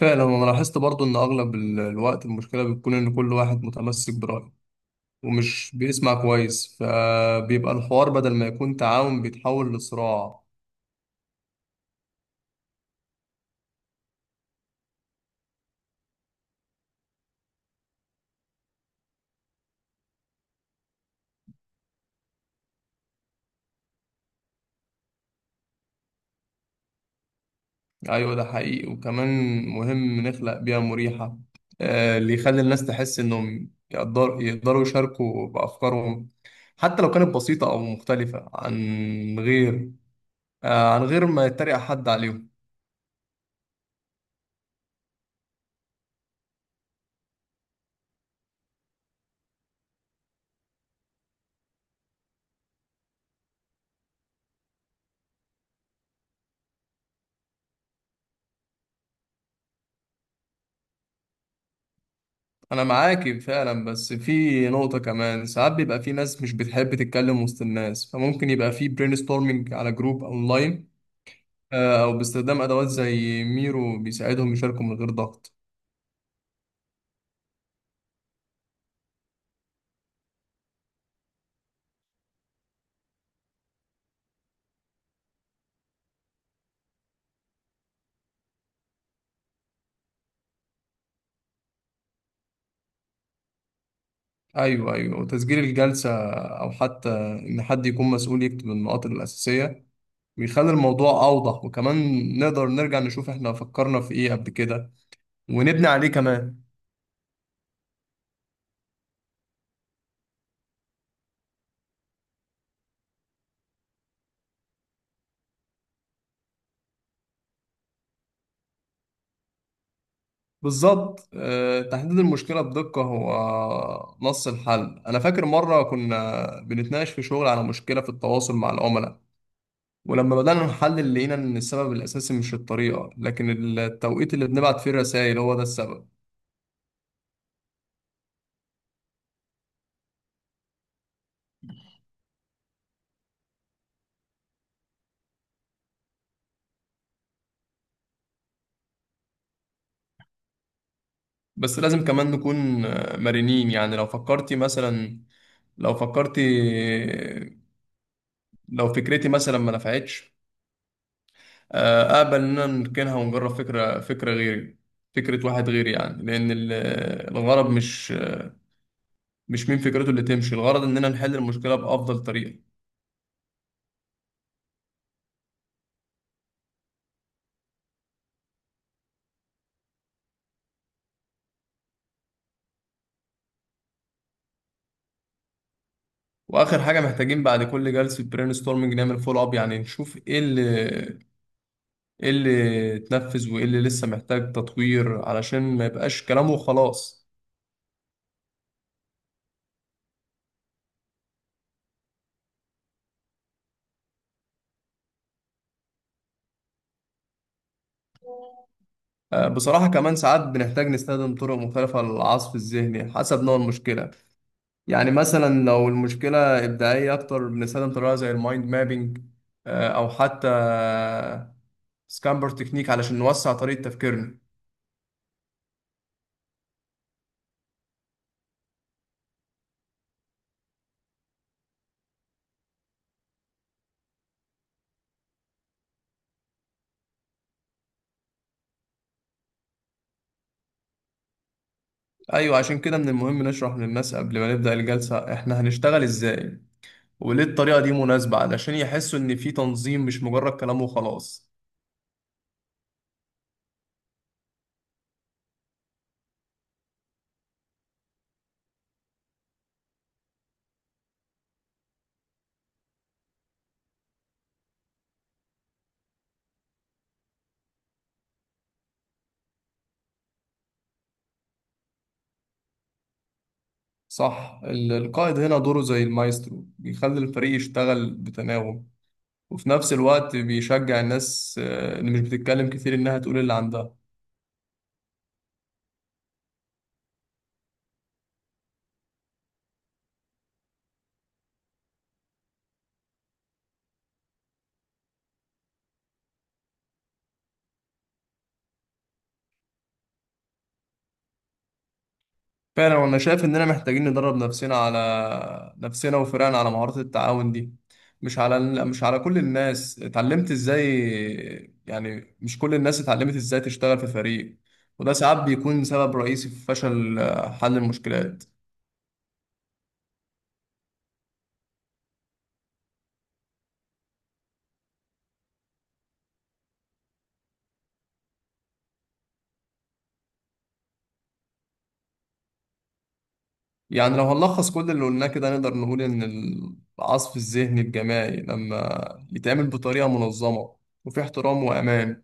فعلا انا لاحظت برضو ان اغلب الوقت المشكله بتكون ان كل واحد متمسك برايه ومش بيسمع كويس، فبيبقى الحوار بدل ما يكون تعاون بيتحول لصراع. ايوه ده حقيقي، وكمان مهم نخلق بيئه مريحه اللي يخلي الناس تحس انهم يقدروا يشاركوا بافكارهم حتى لو كانت بسيطه او مختلفه عن غير، عن غير ما يتريق حد عليهم. انا معاكي فعلا، بس في نقطة كمان: ساعات بيبقى في ناس مش بتحب تتكلم وسط الناس، فممكن يبقى في برين ستورمنج على جروب اونلاين، او باستخدام ادوات زي ميرو بيساعدهم يشاركوا من غير ضغط. ايوه ايوه، وتسجيل الجلسة او حتى ان حد يكون مسؤول يكتب النقاط الاساسية بيخلي الموضوع اوضح، وكمان نقدر نرجع نشوف احنا فكرنا في ايه قبل كده ونبني عليه كمان. بالظبط، تحديد المشكلة بدقة هو نص الحل. أنا فاكر مرة كنا بنتناقش في شغل على مشكلة في التواصل مع العملاء، ولما بدأنا نحلل لقينا إن السبب الأساسي مش الطريقة، لكن التوقيت اللي بنبعت فيه الرسائل هو ده السبب. بس لازم كمان نكون مرنين. يعني لو فكرتي مثلا، لو فكرتي لو فكرتي مثلا ما نفعتش، أقبل إننا نركنها ونجرب فكرة غيري، فكرة واحد غيري. يعني لأن الغرض مش مين فكرته اللي تمشي، الغرض اننا نحل المشكله بافضل طريقه. واخر حاجه محتاجين بعد كل جلسه برين ستورمنج نعمل فول اب، يعني نشوف ايه اللي اتنفذ وايه اللي لسه محتاج تطوير، علشان ما يبقاش كلامه وخلاص. بصراحة كمان ساعات بنحتاج نستخدم طرق مختلفة للعصف الذهني حسب نوع المشكلة. يعني مثلا لو المشكلة إبداعية أكتر بنستخدم طريقة زي المايند مابينج، أو حتى سكامبر تكنيك، علشان نوسع طريقة تفكيرنا. ايوه، عشان كده من المهم نشرح للناس قبل ما نبدأ الجلسة احنا هنشتغل ازاي وليه الطريقة دي مناسبة، علشان يحسوا ان في تنظيم مش مجرد كلام وخلاص. صح، القائد هنا دوره زي المايسترو، بيخلي الفريق يشتغل بتناغم، وفي نفس الوقت بيشجع الناس اللي مش بتتكلم كتير انها تقول اللي عندها. فعلا، وانا شايف اننا محتاجين ندرب نفسنا على نفسنا وفرقنا على مهارات التعاون دي. مش على كل الناس اتعلمت ازاي، يعني مش كل الناس اتعلمت ازاي تشتغل في فريق، وده ساعات بيكون سبب رئيسي في فشل حل المشكلات. يعني لو هنلخص كل اللي قلناه كده، نقدر نقول ان العصف الذهني الجماعي لما يتعمل بطريقة منظمة وفي احترام وامان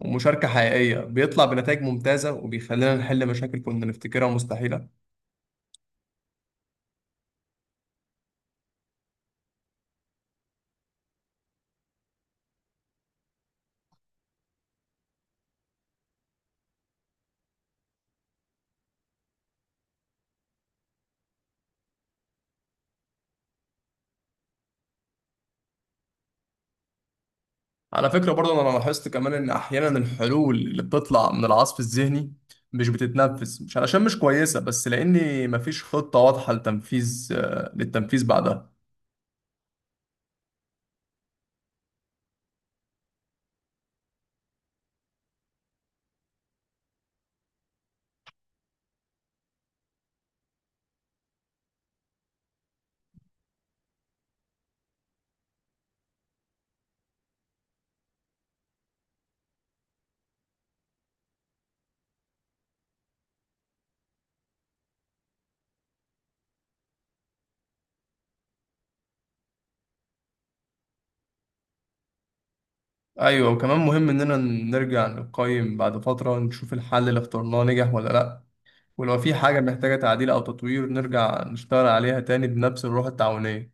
ومشاركة حقيقية بيطلع بنتائج ممتازة، وبيخلينا نحل مشاكل كنا نفتكرها مستحيلة. على فكرة برضه أنا لاحظت كمان إن أحيانا الحلول اللي بتطلع من العصف الذهني مش بتتنفذ مش علشان مش كويسة، بس لأن مفيش خطة واضحة لتنفيذ آه، للتنفيذ بعدها. أيوة، وكمان مهم إننا نرجع نقيم بعد فترة، نشوف الحل اللي اخترناه نجح ولا لأ، ولو في حاجة محتاجة تعديل أو تطوير نرجع نشتغل عليها تاني بنفس الروح التعاونية.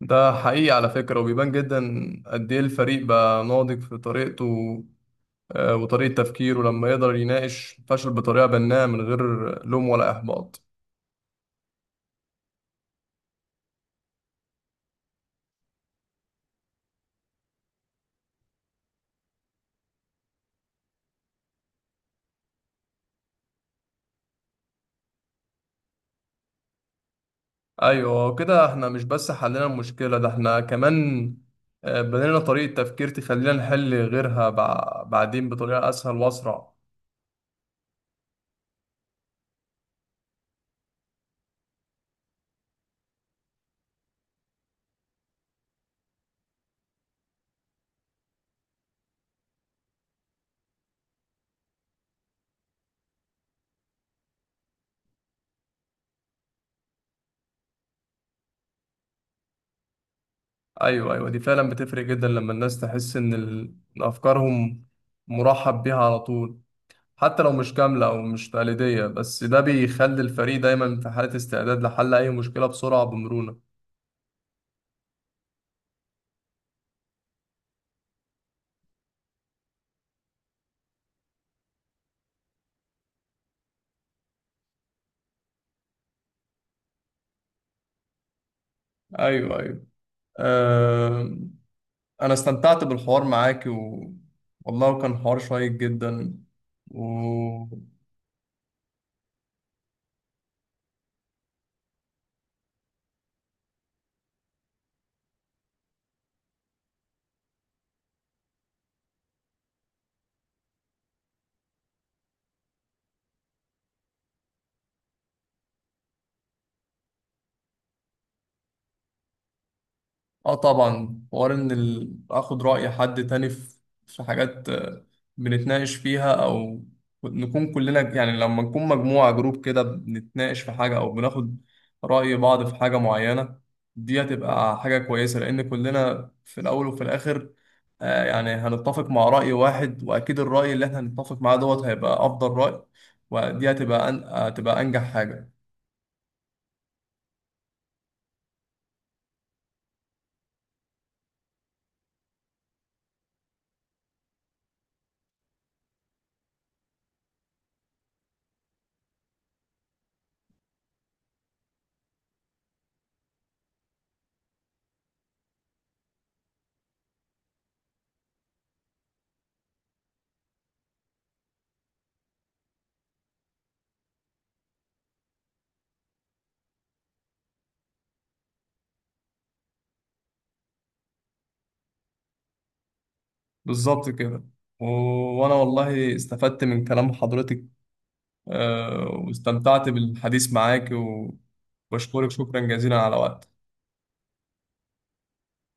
ده حقيقي على فكرة، وبيبان جدا قد إيه الفريق بقى ناضج في طريقته وطريقة تفكيره لما يقدر يناقش الفشل بطريقة بناءة من غير لوم ولا إحباط. أيوة، كده احنا مش بس حلينا المشكلة، ده احنا كمان بنينا طريقة تفكير تخلينا نحل غيرها بعدين بطريقة أسهل وأسرع. أيوة أيوة، دي فعلا بتفرق جدا لما الناس تحس إن إن أفكارهم مرحب بيها على طول حتى لو مش كاملة أو مش تقليدية، بس ده بيخلي الفريق دايما في حالة استعداد لحل أي مشكلة بسرعة بمرونة. أيوة أيوة. أه، انا استمتعت بالحوار معاك والله كان حوار شيق جدا و... اه طبعا. حوار ان اخد رأي حد تاني في حاجات بنتناقش فيها، او نكون كلنا يعني، لما نكون مجموعة جروب كده بنتناقش في حاجة او بناخد رأي بعض في حاجة معينة، دي هتبقى حاجة كويسة، لان كلنا في الاول وفي الاخر يعني هنتفق مع رأي واحد، واكيد الرأي اللي احنا هنتفق معاه دوت هيبقى افضل رأي، ودي هتبقى انجح حاجة. بالظبط كده. و- وانا والله استفدت من كلام حضرتك، واستمتعت بالحديث معاك، وبشكرك شكرا جزيلا على وقتك.